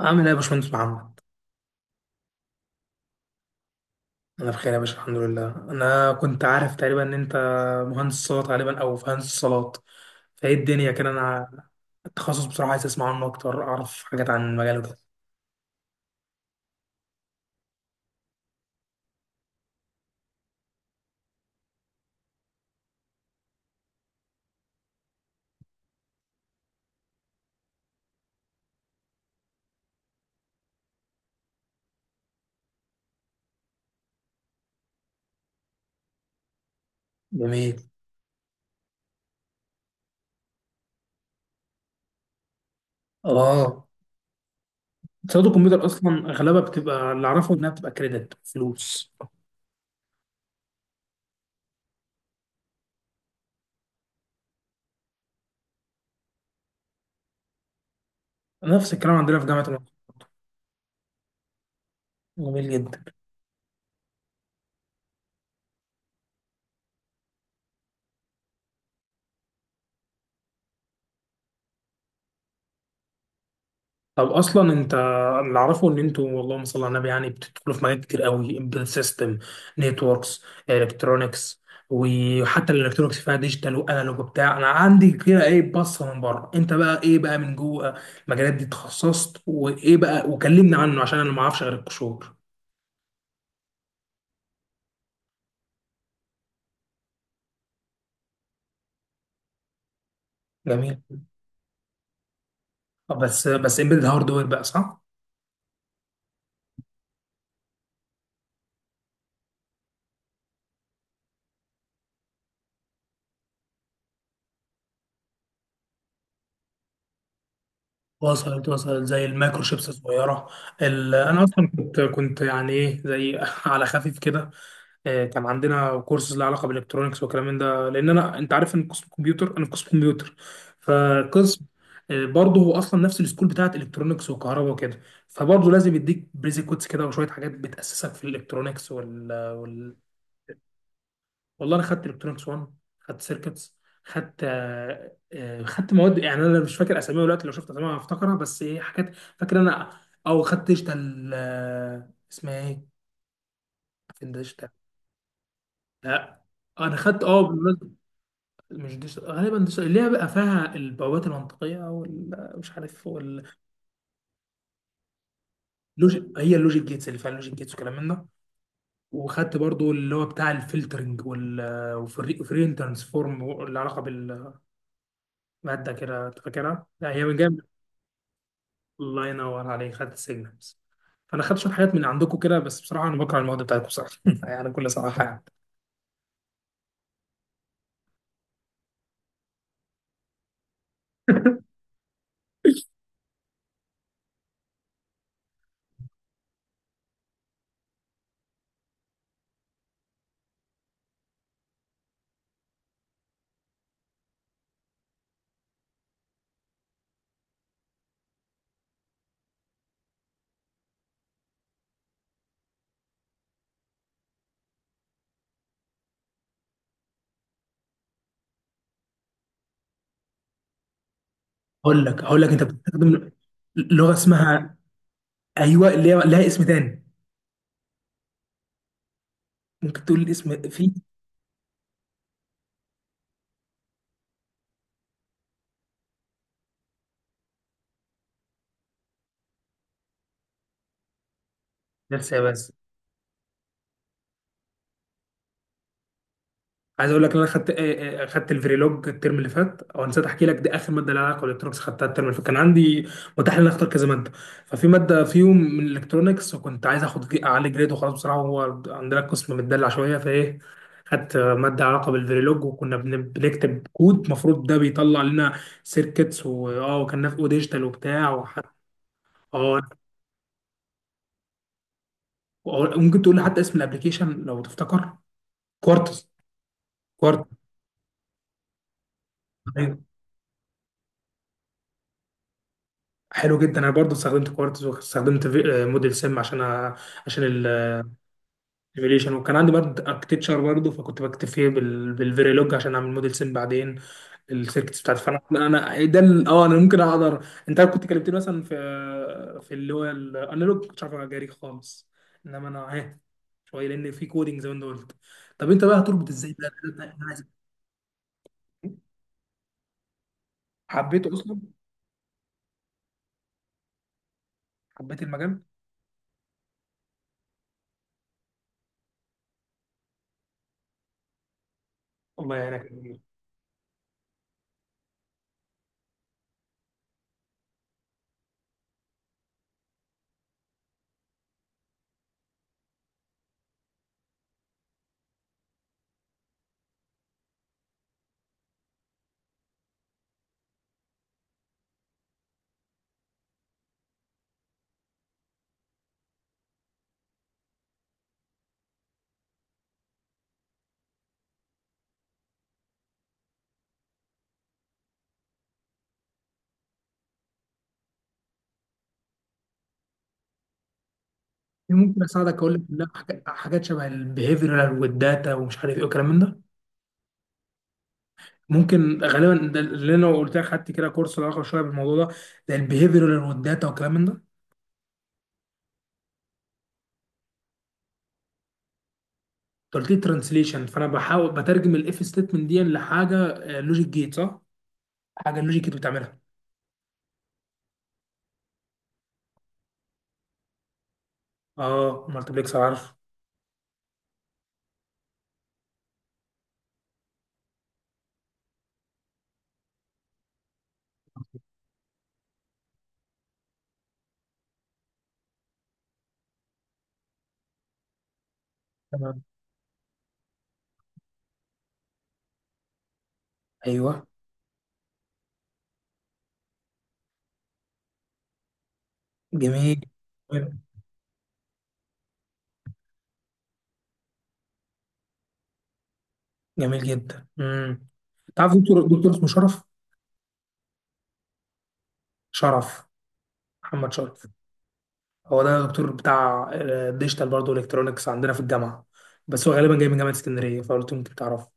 عامل ايه يا باشمهندس محمد؟ انا بخير يا باشا، الحمد لله. انا كنت عارف تقريبا ان انت مهندس صوت غالبا او في هندسه صالات، فايه الدنيا كده؟ انا التخصص بصراحه عايز اسمع عنه اكتر، اعرف حاجات عن المجال ده. جميل. اه، صيانه الكمبيوتر اصلا اغلبها بتبقى اللي اعرفه انها بتبقى كريدت فلوس. نفس الكلام عندنا في جامعه مصر. جميل جدا. طب اصلا انت، اللي اعرفه ان انتوا اللهم صل على النبي بتدخلوا في مجالات كتير قوي، امبيدد سيستم، نتوركس، الكترونكس، وحتى الالكترونكس فيها ديجيتال وانالوج وبتاع. انا عندي كده ايه بصه من بره، انت بقى ايه بقى من جوه المجالات دي؟ اتخصصت وايه بقى، وكلمني عنه عشان انا ما اعرفش غير القشور. جميل. بس امبيدد هاردوير بقى صح؟ وصلت وصلت، زي المايكرو شيبس الصغيره. انا اصلا كنت ايه زي على خفيف كده. كان عندنا كورسز لها علاقه بالالكترونكس والكلام من ده، لان انا انت عارف ان قسم كمبيوتر، انا في قسم كمبيوتر فقسم برضه هو اصلا نفس السكول بتاعت الكترونكس وكهرباء وكده، فبرضه لازم يديك بريزي كودز كده وشويه حاجات بتاسسك في الالكترونكس وال. والله انا خدت الكترونكس 1، خدت سيركتس، خدت خدت مواد، انا مش فاكر اساميها دلوقتي، لو شفت اساميها هفتكرها، بس ايه، حاجات فاكر انا. او خدت ديجيتال اسمها ايه؟ فين ديجيتال؟ لا، انا خدت مش ديجيتال، غالبا ديجيتال اللي هي بقى فيها البوابات المنطقيه والمش عارف واللوجيك. هي اللوجيك جيتس، اللي فيها اللوجيك جيتس وكلام من ده. وخدت برضو اللي هو بتاع الفلترنج وال وفري ترانسفورم، اللي علاقه بالماده كده، أنت فاكرها؟ لا، هي من جايه. الله ينور عليك، خدت السيجنالز. فانا خدت شويه حاجات من عندكم كده، بس بصراحه انا بكره المواد بتاعتكم صراحه بكل صراحه يعني. هقول لك، هقول لك انت بتستخدم لغه اسمها، ايوه، اللي هي لها اسم تاني، ممكن تقول الاسم؟ في بس يا بس عايز اقول لك ان انا خدت خدت الفريلوج الترم اللي فات، او نسيت احكي لك، دي اخر ماده لها علاقه بالالكترونكس، خدتها الترم اللي فات. كان عندي متاح ان انا اختار كذا ماده، ففي ماده فيهم من الالكترونكس، وكنت عايز اخد اعلي جريد وخلاص بصراحه، هو عندنا قسم متدلع شويه، فايه، خدت ماده علاقه بالفريلوج، وكنا بنكتب كود المفروض ده بيطلع لنا سيركتس، واه، وكان في ديجيتال وبتاع وحتى. اه، وممكن تقول لي حتى اسم الابلكيشن لو تفتكر؟ كوارتز. كوارتز. حلو جدا. انا برضو استخدمت كوارتز، واستخدمت موديل سم عشان عشان السيميوليشن. وكان عندي برضو اركتشر برضو، فكنت بكتب فيه بالفيريلوج عشان اعمل موديل سم بعدين السيركتس بتاعتي. فانا ده اه، انا ممكن اقدر، انت كنت كلمتني مثلا في في اللي هو الانالوج كنتش عارف اجاري خالص، انما انا اهي شويه، لان في كودنج زي ما انت قلت. طب انت بقى هتربط ازاي ده حبيته اصلا. حبيت المجال. الله يعينك. ممكن اساعدك اقول لك، لا، حاجات حاجات شبه البيهيفيرال والداتا ومش عارف ايه والكلام من ده. ممكن غالبا ده اللي انا قلت لك، خدت كده كورس له علاقه شويه بالموضوع ده، ده البيهيفيرال والداتا والكلام من ده. انت قلت لي ترانسليشن، فانا بحاول بترجم الاف ستيتمنت دي لحاجه لوجيك جيت صح؟ حاجه اللوجيك جيت بتعملها. اه، مالتبلكسر، عارف. تمام. ايوه. جميل. جميل جدا. تعرف دكتور، دكتور اسمه شرف، شرف، محمد شرف؟ هو ده دكتور بتاع ديجيتال برضه، الكترونكس عندنا في الجامعه، بس هو غالبا جاي من جامعه اسكندريه، فقلت له يمكن تعرفه.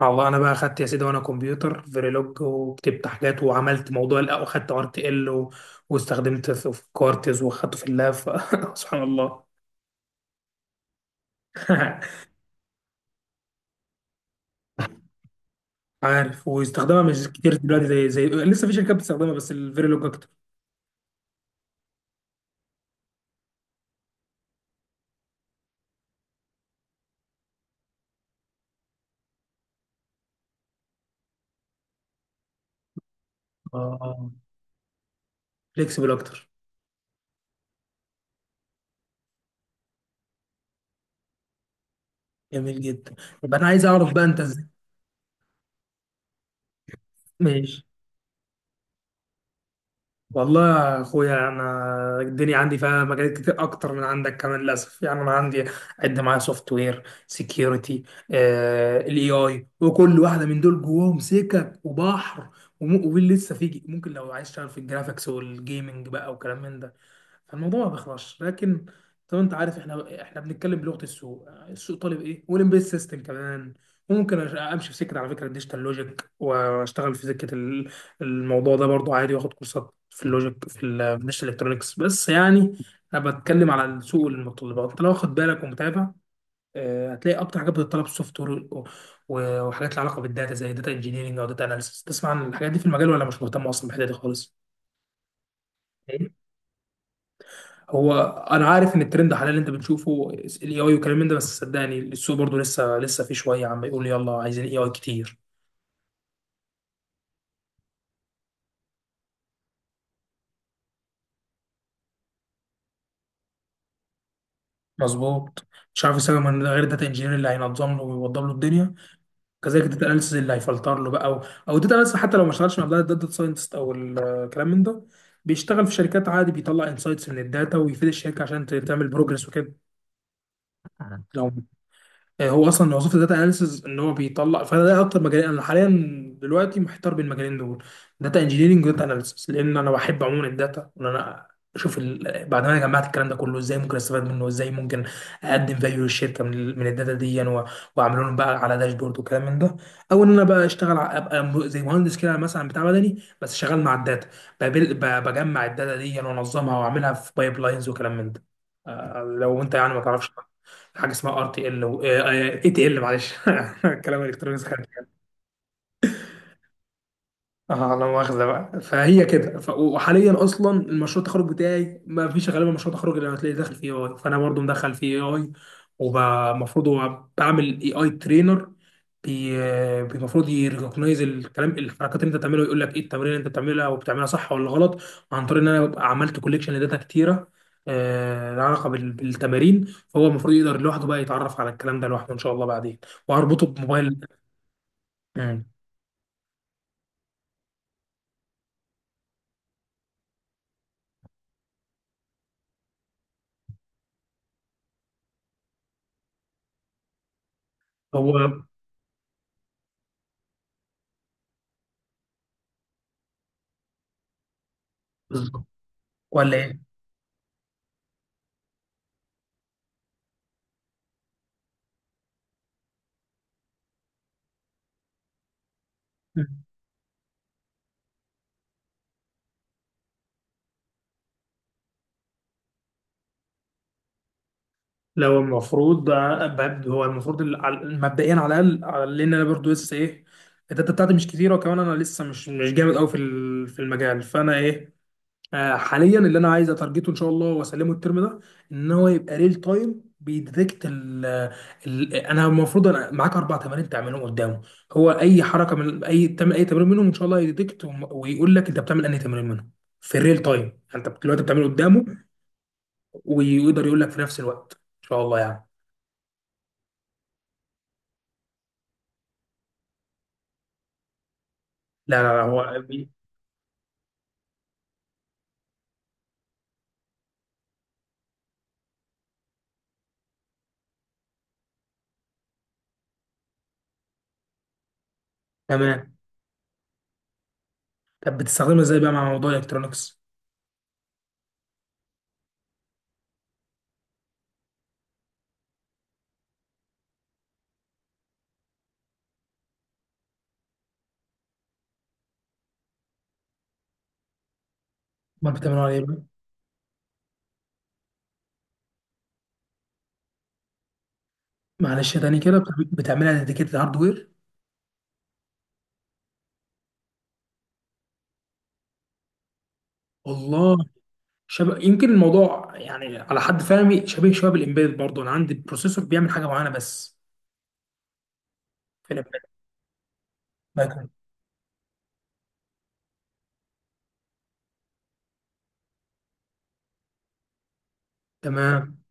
على الله، انا بقى اخدت يا سيدي وانا كمبيوتر فيريلوج وكتبت حاجات وعملت موضوع، لا، وخدت ار تي ال و... واستخدمت في كورتز واخدته في اللاب. سبحان الله. عارف، واستخدامها مش كتير دلوقتي، زي لسه في شركات بتستخدمها، بس الفيريلوج اكتر. اه. فليكسبل اكتر. جميل جدا. يبقى انا عايز اعرف بقى انت ازاي؟ ماشي. والله يا اخويا انا الدنيا عندي فيها مجالات كتير اكتر من عندك كمان للاسف، انا عندي، عد معايا: سوفت وير، سكيورتي، الاي اي، وكل واحده من دول جواهم سكك وبحر. ومين لسه، فيجي، ممكن لو عايز تشتغل في الجرافيكس والجيمنج بقى وكلام من ده، فالموضوع ما بيخلصش. لكن زي ما انت عارف، احنا بنتكلم بلغه السوق، السوق طالب ايه، والامبيد سيستم كمان. وممكن امشي في سكه، على فكره، الديجيتال لوجيك واشتغل في سكه الموضوع ده برضو عادي، واخد كورسات في اللوجيك في مش الالكترونكس بس يعني. انا بتكلم على سوق المتطلبات. انت لو واخد بالك ومتابع، هتلاقي اكتر حاجات بتتطلب سوفت وير، وحاجات لها علاقه بالداتا زي داتا انجينيرنج او داتا اناليسيس. تسمع عن الحاجات دي في المجال، ولا مش مهتم اصلا بالحته دي خالص؟ إيه؟ هو انا عارف ان الترند حاليا اللي انت بتشوفه الاي اي والكلام من ده، بس صدقني السوق برضو لسه في شويه عم يقول يلا عايزين اي اي كتير. مظبوط. مش عارف يسوي من غير داتا انجينير اللي هينظم له ويوضب له الدنيا. كذلك الداتا اناليسيز اللي هيفلتر له بقى، او او الداتا اناليسيز حتى لو ما اشتغلش مع داتا ساينتست او الكلام من ده، بيشتغل في شركات عادي، بيطلع انسايتس من الداتا ويفيد الشركه عشان تعمل بروجرس وكده. لو هو اصلا وظيفه داتا اناليسز ان هو بيطلع. فانا ده اكتر مجالين انا حاليا دلوقتي محتار بين المجالين دول، داتا انجينيرنج وداتا اناليسز، لان انا بحب عموما الداتا، وان انا اشوف ال... بعد ما انا جمعت الكلام ده كله، ازاي ممكن استفاد منه، وازاي ممكن اقدم فاليو للشركه من، ال... من الداتا دي و... واعمل لهم بقى على داشبورد وكلام من ده. او ان انا بقى اشتغل ابقى زي مهندس كده مثلا، بتاع مدني بس شغال مع الداتا. بقابل... ب... بجمع الداتا دي وانظمها واعملها في بايب لاينز وكلام من ده. لو انت ما تعرفش حاجه اسمها ار تي ال، اي تي ال، معلش. الكلام الالكتروني سخن. اه، انا واخده بقى، فهي كده ف... وحاليا اصلا المشروع التخرج بتاعي ما فيش غالبا مشروع تخرج اللي هتلاقي داخل فيه اي، فانا برضو مدخل فيه اي. ومفروض بعمل اي اي ترينر، المفروض يريكوجنايز الكلام، الحركات اللي انت بتعملها، ويقول لك ايه التمرين اللي انت بتعملها، وبتعملها صح ولا غلط، عن طريق ان انا ببقى عملت كوليكشن لداتا كتيره، لها علاقه بالتمارين. فهو المفروض يقدر لوحده بقى يتعرف على الكلام ده لوحده ان شاء الله، بعدين واربطه بموبايل. مم. هو بالظبط. ولا ايه؟ لو المفروض هو المفروض مبدئيا على الاقل لان انا برضو لسه ايه، الداتا بتاعتي مش كتيره، وكمان انا لسه مش جامد قوي في في المجال، فانا ايه، حاليا اللي انا عايز اتارجته ان شاء الله واسلمه الترم ده ان هو يبقى ريل تايم بيديتكت ال انا المفروض انا معاك اربع تمارين تعملهم قدامه، هو اي حركه من اي تعمل اي تمرين منهم ان شاء الله يديتكت ويقول لك انت بتعمل انهي تمرين منهم في الريل تايم، انت دلوقتي بتعمله قدامه، ويقدر يقول لك في نفس الوقت ان شاء الله يعني. لا هو تمام. طب بتستخدمها ازاي بقى مع موضوع الالكترونكس؟ امال بتعملها على ايه بقى؟ معلش تاني كده، بتعملها ديديكيتد هاردوير؟ والله شبه يمكن الموضوع، على حد فهمي شبيه شويه بالامبيد برضه، انا عندي بروسيسور بيعمل حاجه معينه بس في الامبيد. لكن تمام.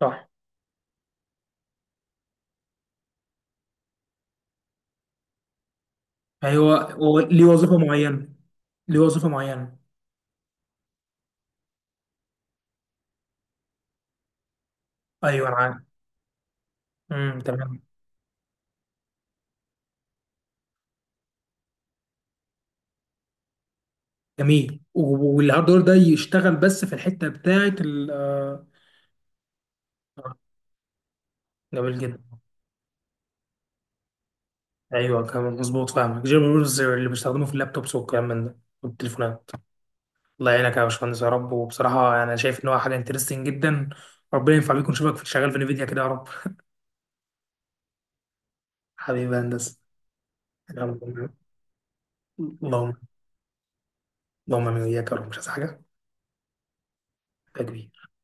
صح. ايوه، هو ليه وظيفه معينه. ليه وظيفه معينه. ايوه انا عارف. امم، تمام. جميل، والهاردوير ده يشتغل بس في الحته بتاعت ال جميل جدا. ايوه كمان مظبوط، فاهمك، جيم رولز اللي بيستخدموه في اللابتوبس والكلام من ده والتليفونات. الله يعينك يا باشمهندس يا رب. وبصراحه انا شايف ان هو حاجه انترستنج جدا. ربنا ينفع بيكون شبك في، شغال في نفيديا كده يا رب. حبيبي يا هندسه. يلا، اللهم، اللهم امين وإياك يا رب، مش عايز حاجه. تكبير.